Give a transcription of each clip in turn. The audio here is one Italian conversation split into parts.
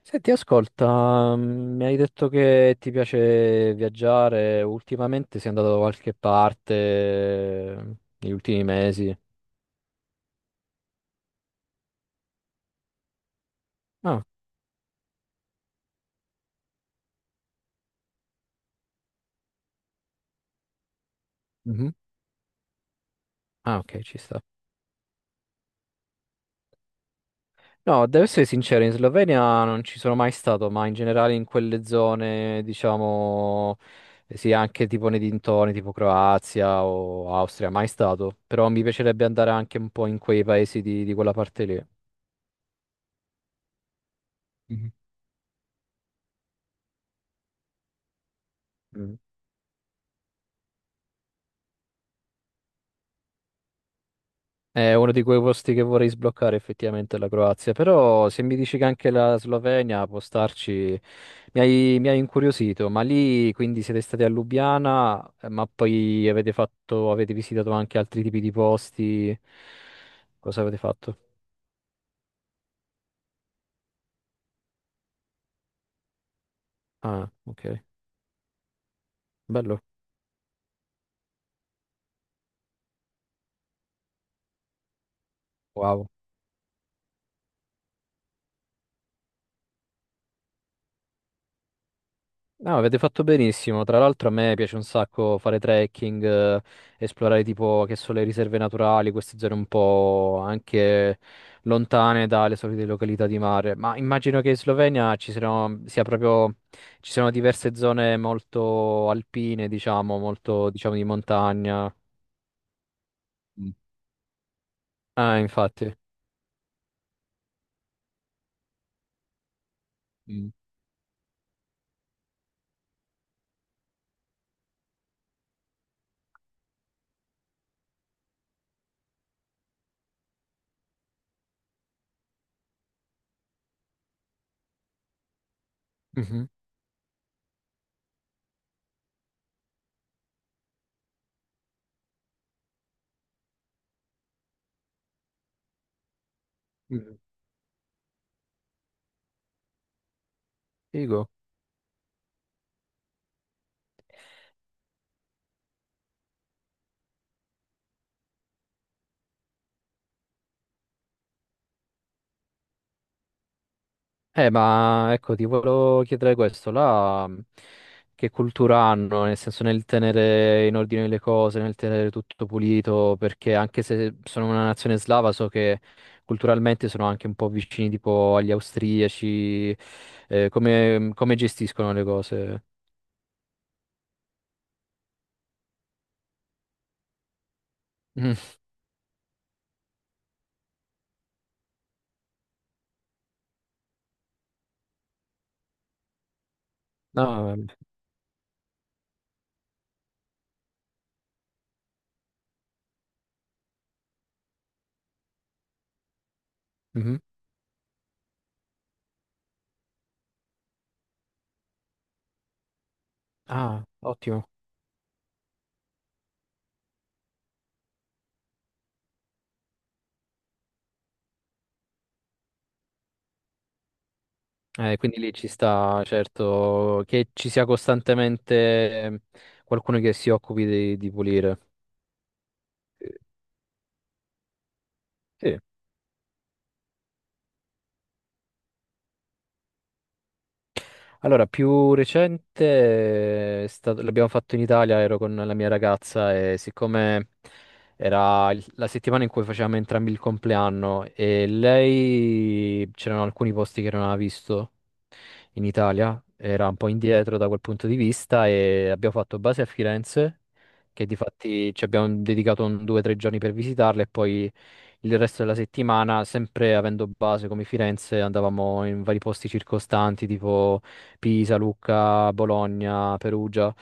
Senti, ascolta, mi hai detto che ti piace viaggiare. Ultimamente sei andato da qualche parte negli ultimi mesi? Ah, mhm. Ah, ok, ci sta. No, devo essere sincero, in Slovenia non ci sono mai stato, ma in generale in quelle zone, diciamo, sì, anche tipo nei dintorni, tipo Croazia o Austria, mai stato, però mi piacerebbe andare anche un po' in quei paesi di quella parte lì. Mhm. Mm. È uno di quei posti che vorrei sbloccare effettivamente, la Croazia, però se mi dici che anche la Slovenia può starci, mi hai incuriosito. Ma lì quindi siete stati a Lubiana, ma poi avete fatto, avete visitato anche altri tipi di posti, cosa avete fatto? Ah, ok, bello, wow. No, avete fatto benissimo. Tra l'altro a me piace un sacco fare trekking, esplorare tipo che sono le riserve naturali, queste zone un po' anche lontane dalle solite località di mare. Ma immagino che in Slovenia ci siano, sia proprio, ci siano diverse zone molto alpine, diciamo, molto, diciamo, di montagna. Mm. Ah, infatti. Mm. Mhm. Mhm. Figo. Ma ecco, ti volevo chiedere questo, là che cultura hanno, nel senso nel tenere in ordine le cose, nel tenere tutto pulito, perché anche se sono una nazione slava, so che culturalmente sono anche un po' vicini tipo agli austriaci. Come, come gestiscono le cose? Mm. No, mhm. Ah, ottimo. Quindi lì ci sta, certo, che ci sia costantemente qualcuno che si occupi di pulire. Sì. Allora, più recente l'abbiamo fatto in Italia. Ero con la mia ragazza e siccome era la settimana in cui facevamo entrambi il compleanno e lei c'erano alcuni posti che non aveva visto in Italia, era un po' indietro da quel punto di vista, e abbiamo fatto base a Firenze, che di fatti ci abbiamo dedicato un, due o tre giorni per visitarla, e poi il resto della settimana, sempre avendo base come Firenze, andavamo in vari posti circostanti, tipo Pisa, Lucca, Bologna, Perugia.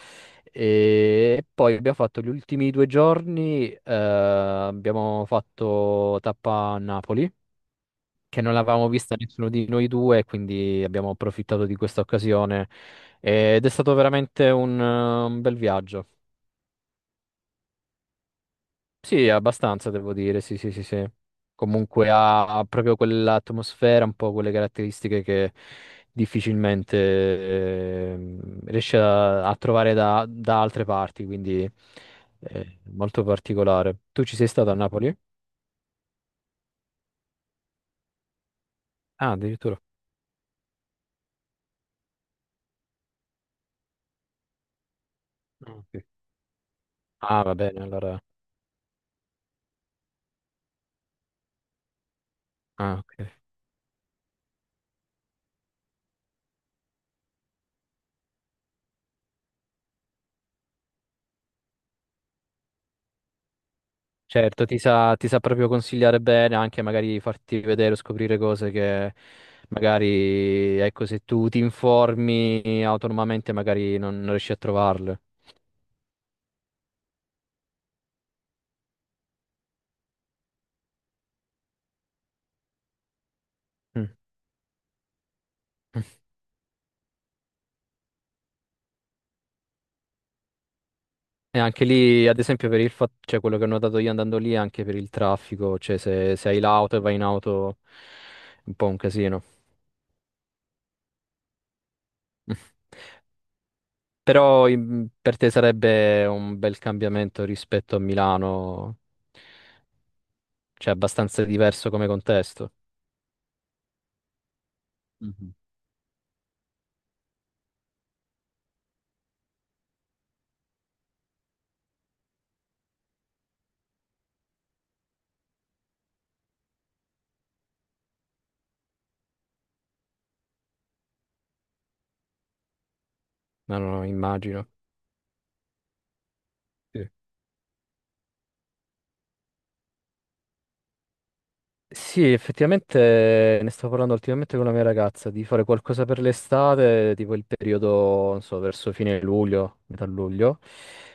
E poi abbiamo fatto gli ultimi due giorni, abbiamo fatto tappa a Napoli, che non l'avevamo vista nessuno di noi due, quindi abbiamo approfittato di questa occasione ed è stato veramente un bel viaggio. Sì, abbastanza, devo dire, sì, sì, sì, sì. Comunque ha proprio quell'atmosfera, un po' quelle caratteristiche che difficilmente riesce a trovare da altre parti, quindi molto particolare. Tu ci sei stato a Napoli? Ah, addirittura. Ah, ok. Ah, va bene, allora. Ah, ok. Certo, ti sa proprio consigliare bene, anche magari farti vedere o scoprire cose che magari, ecco, se tu ti informi autonomamente magari non, non riesci a trovarle. Mm. E anche lì, ad esempio, per il fatto, cioè quello che ho notato io andando lì, anche per il traffico, cioè se, se hai l'auto e vai in auto, un po' un casino. Però per te sarebbe un bel cambiamento rispetto a Milano, cioè abbastanza diverso come contesto. Mhm. Ma non lo immagino. Sì, effettivamente ne stavo parlando ultimamente con la mia ragazza di fare qualcosa per l'estate, tipo il periodo, non so, verso fine luglio, metà luglio.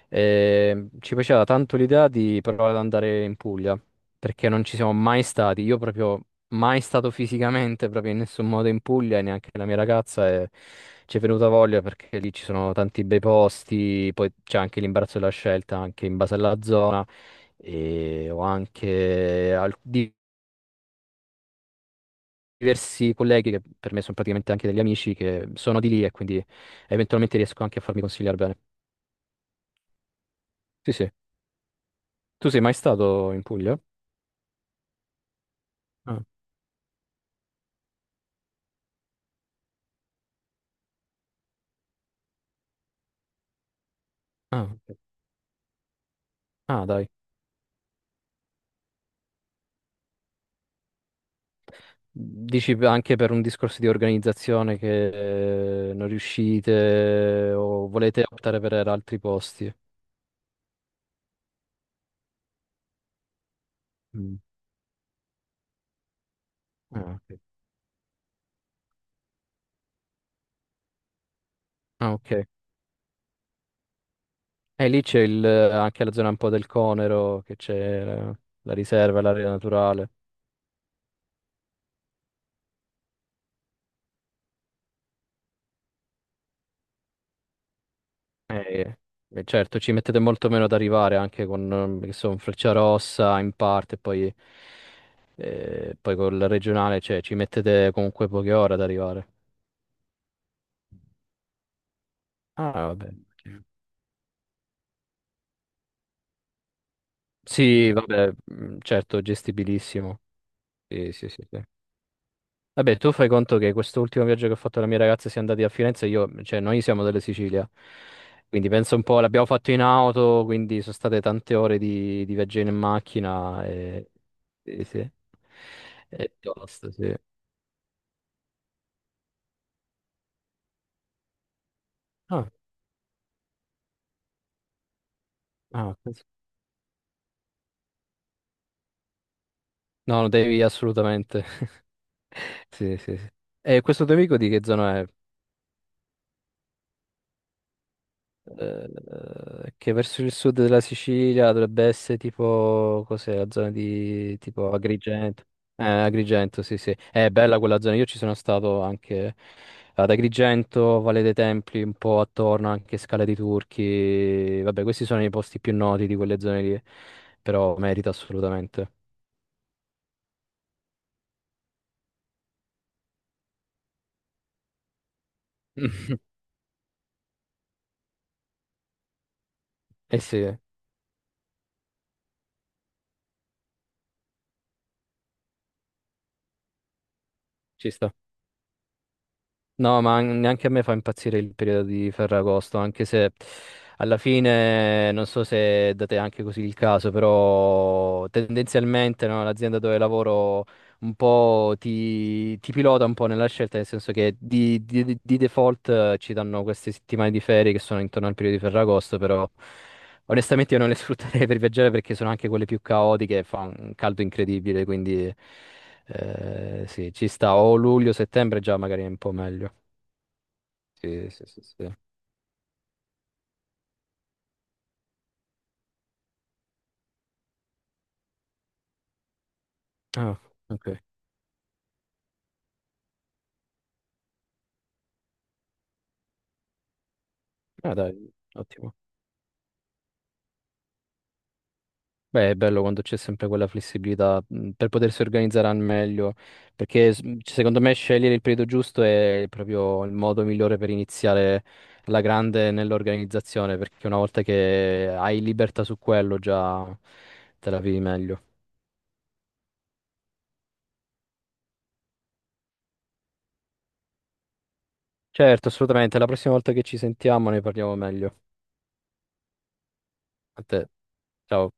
E ci piaceva tanto l'idea di provare ad andare in Puglia, perché non ci siamo mai stati. Io proprio mai stato fisicamente, proprio in nessun modo in Puglia, e neanche la mia ragazza, e ci è venuta voglia perché lì ci sono tanti bei posti, poi c'è anche l'imbarazzo della scelta, anche in base alla zona, e ho anche diversi colleghi che per me sono praticamente anche degli amici che sono di lì e quindi eventualmente riesco anche a farmi consigliare bene. Sì, sì. Tu sei mai stato in Puglia? Ah, ah, ok. Ah, dai. Dici anche per un discorso di organizzazione che non riuscite o volete optare per altri posti? Mm. Ah, ok. Ah, ok. E lì anche la zona un po' del Conero, che c'è la, la riserva, l'area naturale. Eh, certo, ci mettete molto meno ad arrivare anche con, che so, un Frecciarossa in parte, poi, poi col regionale, cioè ci mettete comunque poche ore ad arrivare. Ah, vabbè. Sì, vabbè, certo, gestibilissimo. Sì, sì, sì, sì. Vabbè, tu fai conto che quest'ultimo viaggio che ho fatto con la mia ragazza siamo andati a Firenze, io, cioè noi siamo della Sicilia, quindi penso un po', l'abbiamo fatto in auto, quindi sono state tante ore di viaggio in macchina e, sì, sì. E tosto, sì. Ah, ah, penso- no, devi assolutamente. Sì, sì, sì. E questo tuo amico di che zona è? Eh, che verso il sud della Sicilia dovrebbe essere tipo, cos'è, la zona di tipo Agrigento. Agrigento, sì, sì. È bella quella zona. Io ci sono stato anche ad Agrigento, Valle dei Templi, un po' attorno, anche Scala dei Turchi. Vabbè, questi sono i posti più noti di quelle zone lì, però merita assolutamente. Eh sì, ci sta. No, ma neanche a me fa impazzire il periodo di Ferragosto, anche se alla fine non so se date anche così il caso, però tendenzialmente no, l'azienda dove lavoro un po' ti pilota un po' nella scelta, nel senso che di default ci danno queste settimane di ferie che sono intorno al periodo di Ferragosto, però onestamente io non le sfrutterei per viaggiare perché sono anche quelle più caotiche, e fa un caldo incredibile, quindi... sì, ci sta. O luglio, settembre già magari è un po' meglio. Sì, sì, sì, sì. Ah, ok. Ah, dai, ottimo. Beh, è bello quando c'è sempre quella flessibilità per potersi organizzare al meglio, perché secondo me scegliere il periodo giusto è proprio il modo migliore per iniziare alla grande nell'organizzazione, perché una volta che hai libertà su quello già te la vivi meglio. Certo, assolutamente. La prossima volta che ci sentiamo ne parliamo meglio. A te. Ciao.